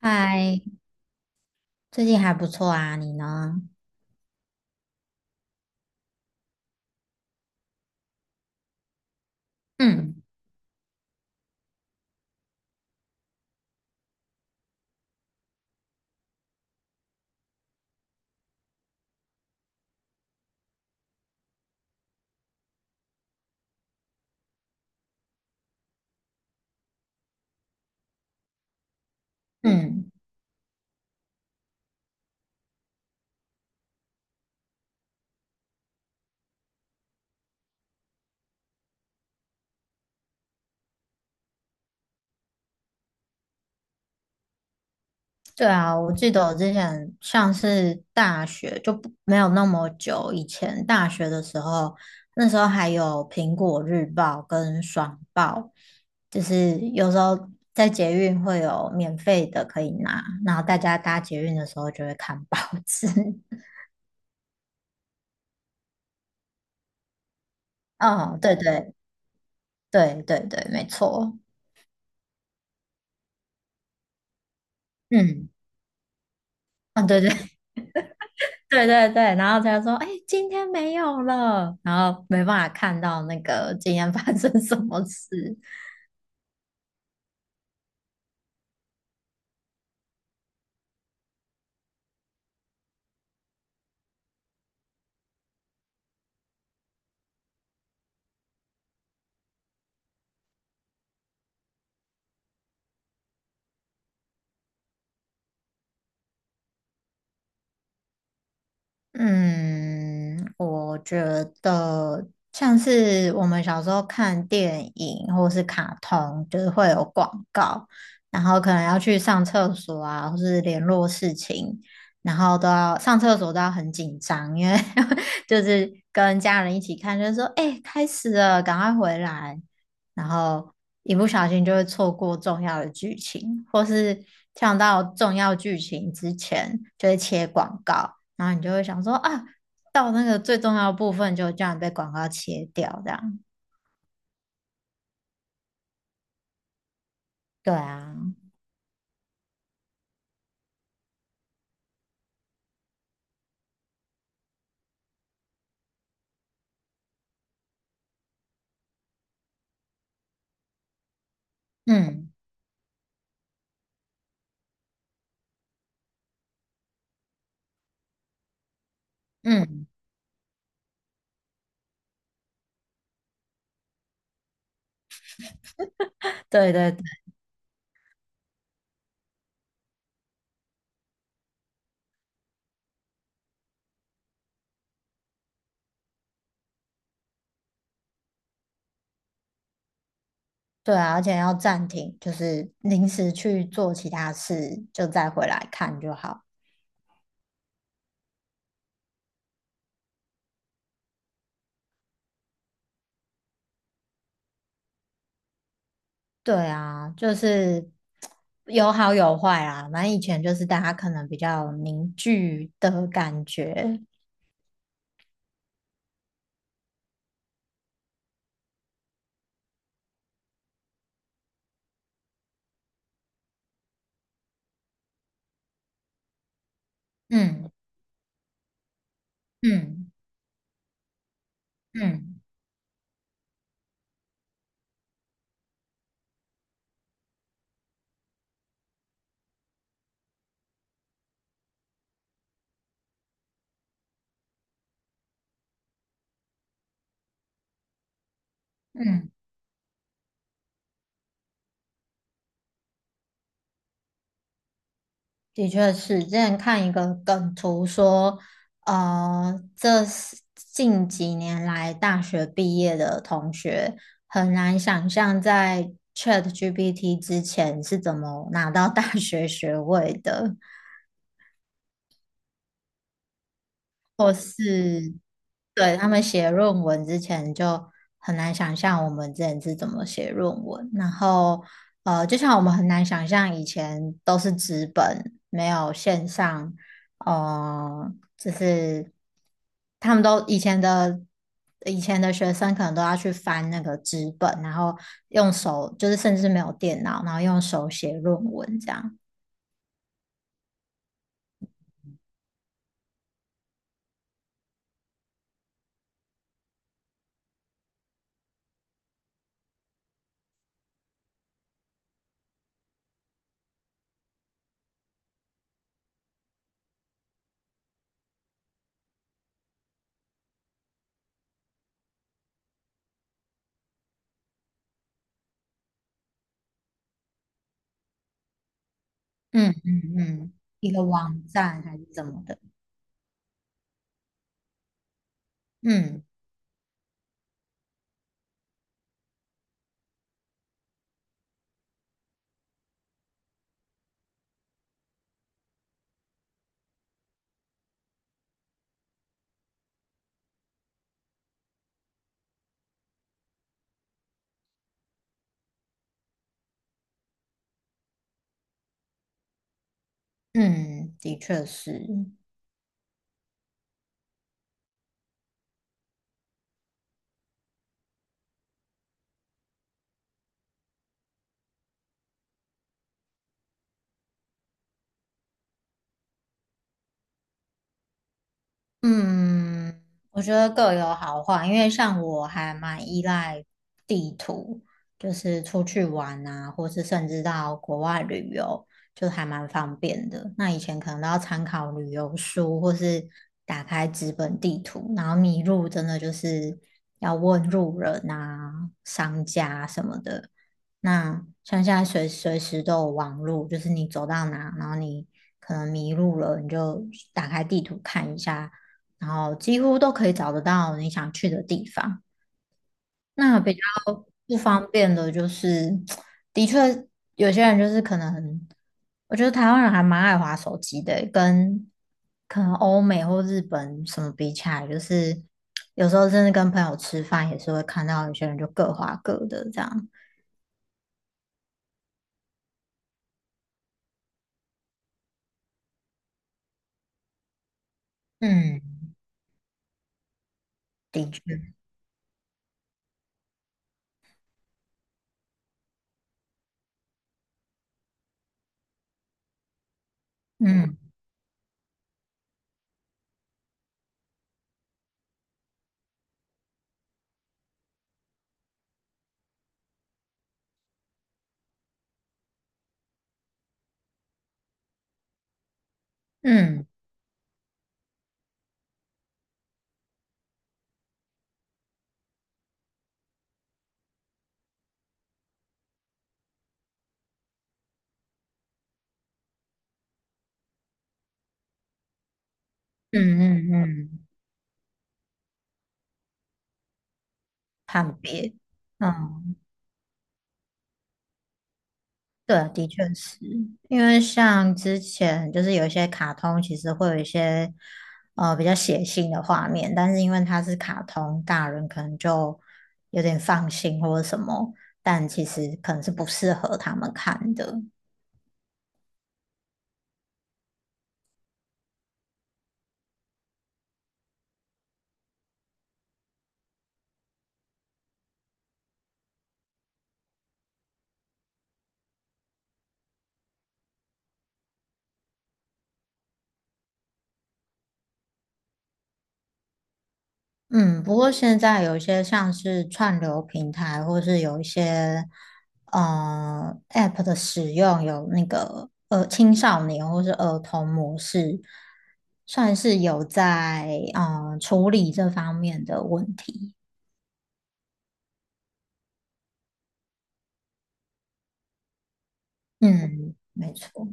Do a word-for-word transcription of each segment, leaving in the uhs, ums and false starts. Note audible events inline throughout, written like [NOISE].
嗨，最近还不错啊，你呢？嗯嗯，对啊，我记得我之前像是大学就不没有那么久以前，大学的时候，那时候还有《苹果日报》跟《爽报》，就是有时候在捷运会有免费的可以拿，然后大家搭捷运的时候就会看报纸。[LAUGHS] 哦，对对对对对，没错。嗯，啊，对对，对对对，然后他就说："哎，今天没有了。"然后没办法看到那个今天发生什么事。嗯，我觉得像是我们小时候看电影或是卡通，就是会有广告，然后可能要去上厕所啊，或是联络事情，然后都要上厕所都要很紧张，因为 [LAUGHS] 就是跟家人一起看，就是说，哎、开始了，赶快回来，然后一不小心就会错过重要的剧情，或是跳到重要剧情之前就会切广告。然后你就会想说啊，到那个最重要的部分就这样被广告切掉，这样。对啊，嗯嗯，对对对对啊，而且要暂停，就是临时去做其他事，就再回来看就好。对啊，就是 [TSK] 有好有坏啦。反正以前就是大家可能比较凝聚的感觉，嗯嗯嗯嗯。嗯的确是，之前看一个梗图说，呃，这是近几年来大学毕业的同学很难想象在 ChatGPT 之前是怎么拿到大学学位的。或是对他们写论文之前就很难想象我们之前是怎么写论文，然后呃，就像我们很难想象以前都是纸本，没有线上，呃，就是他们都以前的以前的学生可能都要去翻那个纸本，然后用手，就是甚至没有电脑，然后用手写论文这样，嗯嗯嗯，一个网站还是怎么的，嗯。嗯，的确是。嗯，我觉得各有好坏，因为像我还蛮依赖地图，就是出去玩啊，或是甚至到国外旅游，就还蛮方便的。那以前可能都要参考旅游书，或是打开纸本地图，然后迷路真的就是要问路人啊、商家什么的。那像现在随随时都有网路，就是你走到哪，然后你可能迷路了，你就打开地图看一下。然后几乎都可以找得到你想去的地方。那比较不方便的就是，[TSK] 的确有些人就是可能，我觉得台湾人还蛮爱滑手机的，跟可能欧美或日本什么比起来，就是有时候甚至跟朋友吃饭也是会看到有些人就各滑各的这样。嗯，的确，嗯嗯嗯嗯嗯，嗯判别，嗯。对，的确是因为像之前就是有一些卡通，其实会有一些呃比较血腥的画面，但是因为它是卡通，大人可能就有点放心或者什么，但其实可能是不适合他们看的。嗯，不过现在有一些像是串流平台，或是有一些呃 App 的使用，有那个呃青少年或是儿童模式，算是有在呃处理这方面的问题。嗯，没错。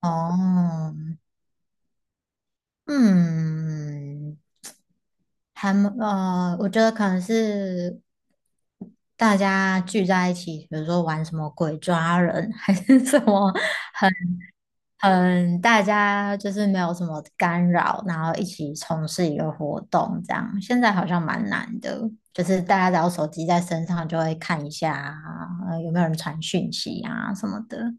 哦，嗯，还蛮呃，我觉得可能是大家聚在一起，比如说玩什么鬼抓人，还是什么。很。嗯，大家就是没有什么干扰，然后一起从事一个活动，这样现在好像蛮难的，就是大家只要手机在身上就会看一下啊，呃，有没有人传讯息啊什么的。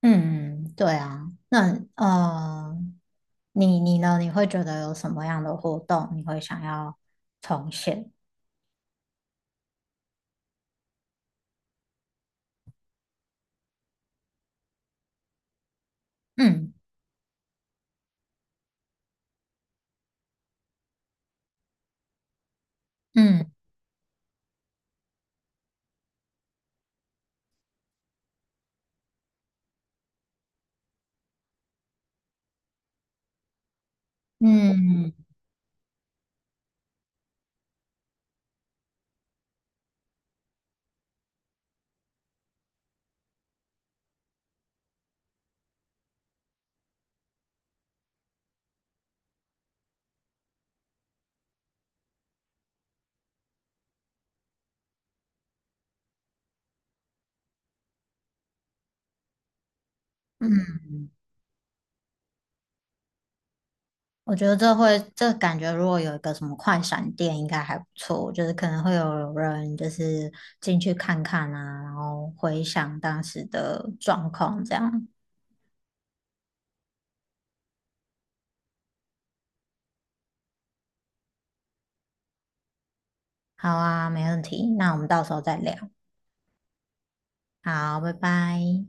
嗯，对啊，那呃，你你呢？你会觉得有什么样的活动你会想要重现？嗯嗯嗯我觉得这会，这感觉如果有一个什么快闪店，应该还不错。就是可能会有人就是进去看看啊，然后回想当时的状况这样。好啊，没问题。那我们到时候再聊。好，拜拜。